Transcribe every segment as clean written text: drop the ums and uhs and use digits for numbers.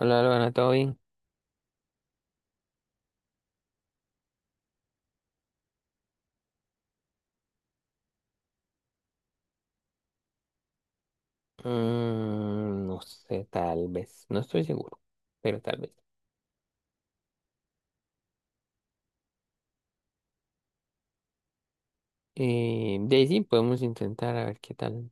Hola, Álvaro, ¿todo bien? No sé, tal vez. No estoy seguro, pero tal vez. De ahí sí podemos intentar a ver qué tal.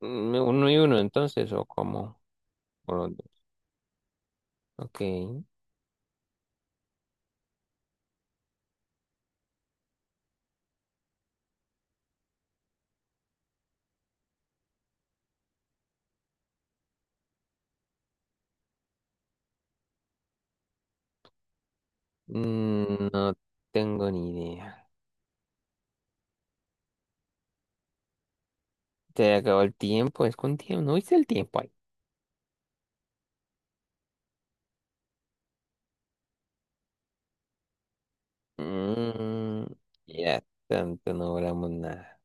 Uno y uno, entonces, o cómo. O los dos. Ok. No tengo ni idea. Se acabó el tiempo, es con tiempo. ¿No viste el tiempo ahí? Mm, ya tanto no hablamos nada.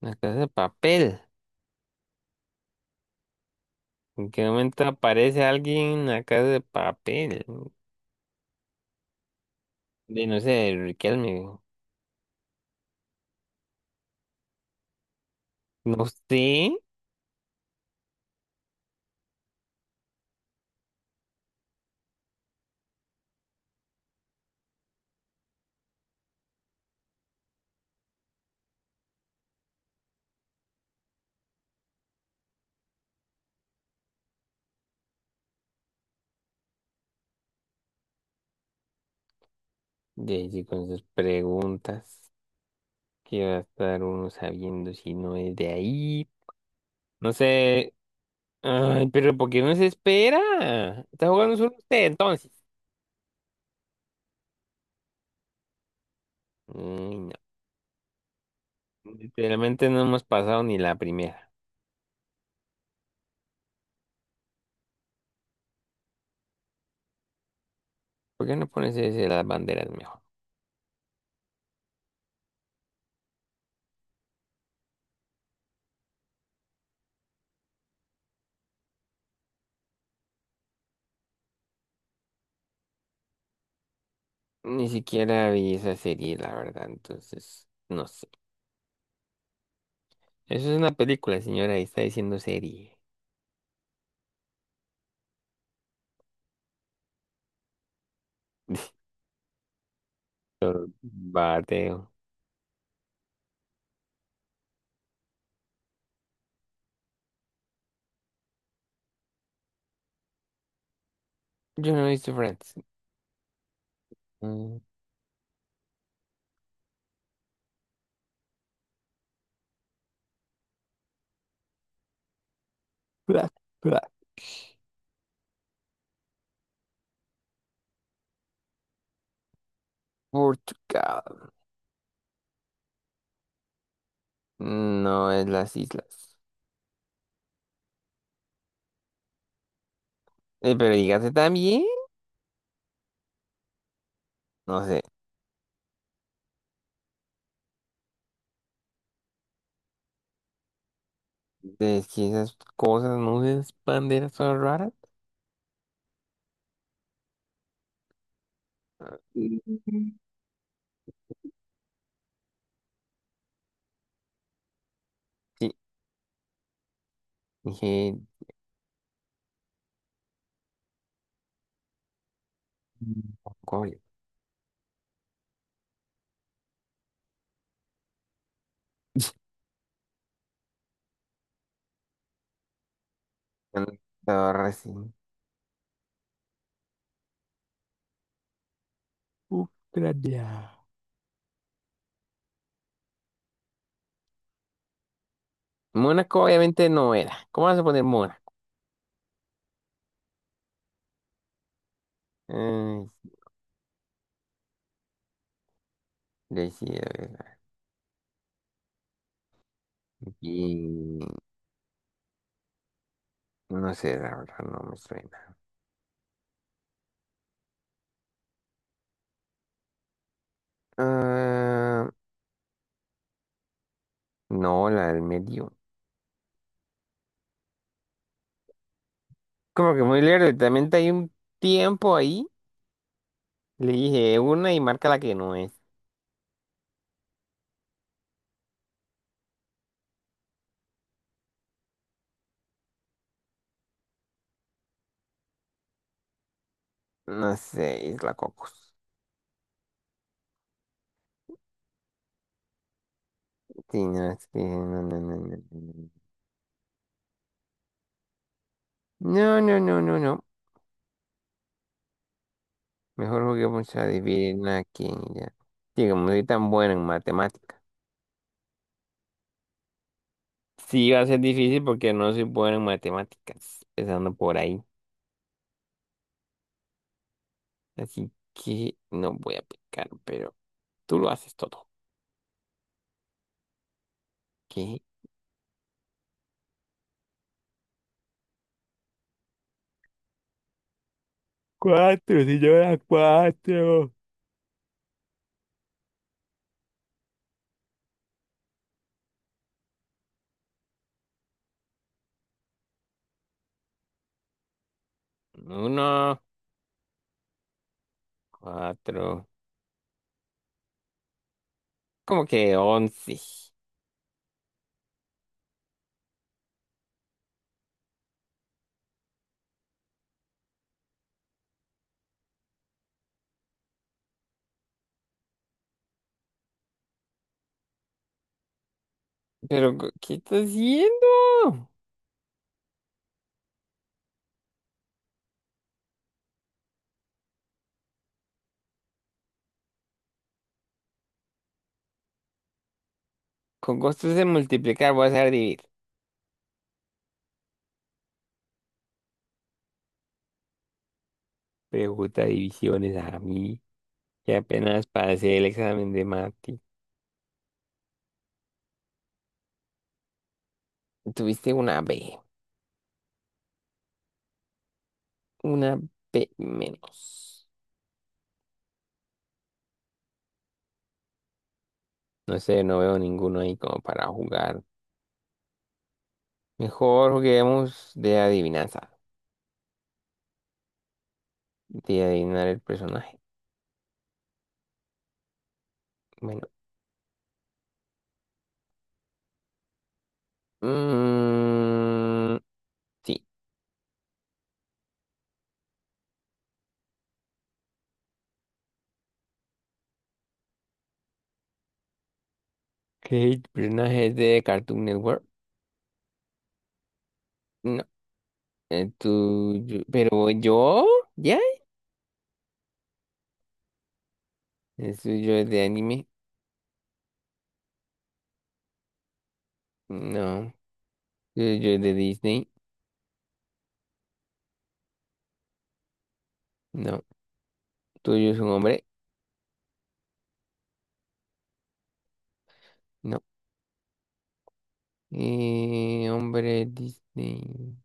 La casa de papel. ¿En qué momento aparece alguien en la casa de papel? De no sé, Riquelme. No sé, de allí con sus preguntas, que va a estar uno sabiendo si no es de ahí. No sé, ay, pero ¿por qué no se espera? Está jugando solo usted, entonces. Ay, no, literalmente no hemos pasado ni la primera. ¿Por qué no pones ese de las banderas mejor? Ni siquiera vi esa serie, la verdad, entonces, no sé. Eso es una película, señora, y está diciendo serie. Bateo. Yo no he visto Friends. Mm, bla, bla. Portugal. No es las islas. Pero dígase también. No sé. Es que esas cosas, no sé, esas banderas son raras. Ah, mm. Sí, dije Mongolia. Andorra, sí. Ucrania. Mónaco obviamente no era. ¿Cómo vas a poner Mónaco? Eh, le sí, a ver, aquí no sé, la verdad no me suena. Ah, no, la del medio. Como que muy lejos, también hay un tiempo ahí. Le dije una y marca la que no es. No sé, Isla Cocos. Sí, no, es que no, no, no, no, no, no, no, no, no, no, no. Mejor juguemos a adivinar quién y ya. Sí, como soy tan bueno en matemáticas. Sí, va a ser difícil porque no soy bueno en matemáticas, empezando por ahí. Así que no voy a picar, pero tú lo haces todo. ¿Qué? Cuatro, si yo señora, cuatro. Uno, cuatro, como que once. Pero, ¿qué estás haciendo? Con costos de multiplicar vas a dividir. Pregunta divisiones a mí, que apenas pasé el examen de mate. Tuviste una B menos. No sé, no veo ninguno ahí como para jugar. Mejor juguemos de adivinanza, de adivinar el personaje. Bueno, mm, sí. ¿Qué personaje es de Cartoon Network? No, tú tuyo. Pero yo, ¿ya? ¿Es tuyo es de anime? No. ¿El suyo es de Disney? No. ¿Tuyo es un hombre? No. Hombre Disney.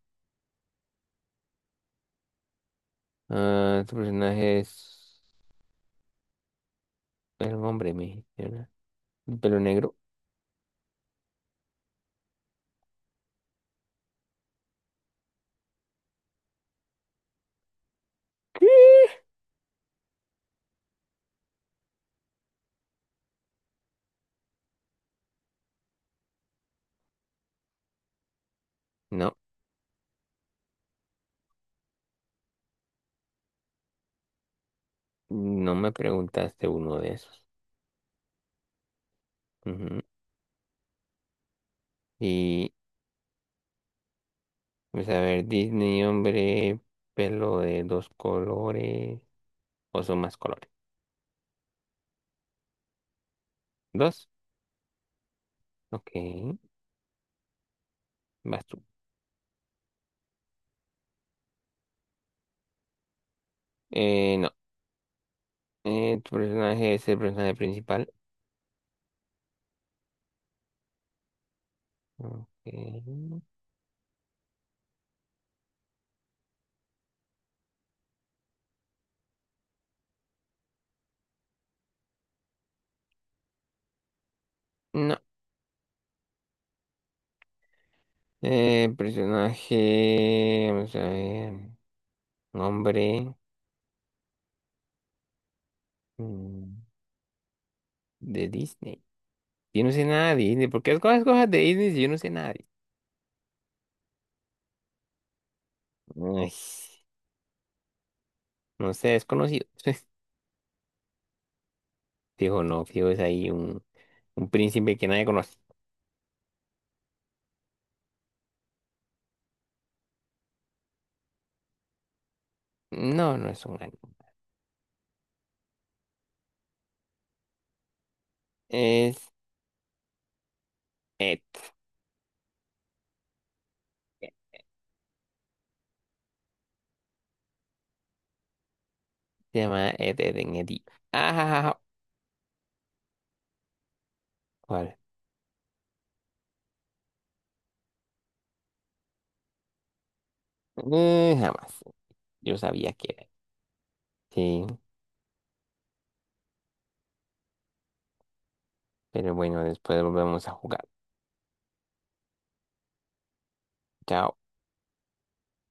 Ah, tu personaje es era un hombre, me dijiste, ¿verdad? ¿Un ¿Pelo negro? No, no me preguntaste uno de esos. Ujú. Y, pues a ver, Disney, hombre, pelo de dos colores, o son más colores. ¿Dos? Ok, vas tú. No, tu personaje es el personaje principal. Ok. No. Personaje. Vamos a ver. Nombre. Mm, de Disney. Yo no sé nada de Disney. ¿Por qué escoges cosas de Disney si yo no sé nada de Disney? Ay, no sé, desconocido. Fijo, no. Fijo, es ahí un príncipe que nadie conoce. No, no es un anime. Es Ed. Se llama Ed, Ed, Ed, Ed. Ah, ¿cuál? Jamás. Yo sabía que era. Sí, pero bueno, después volvemos a jugar. Chao.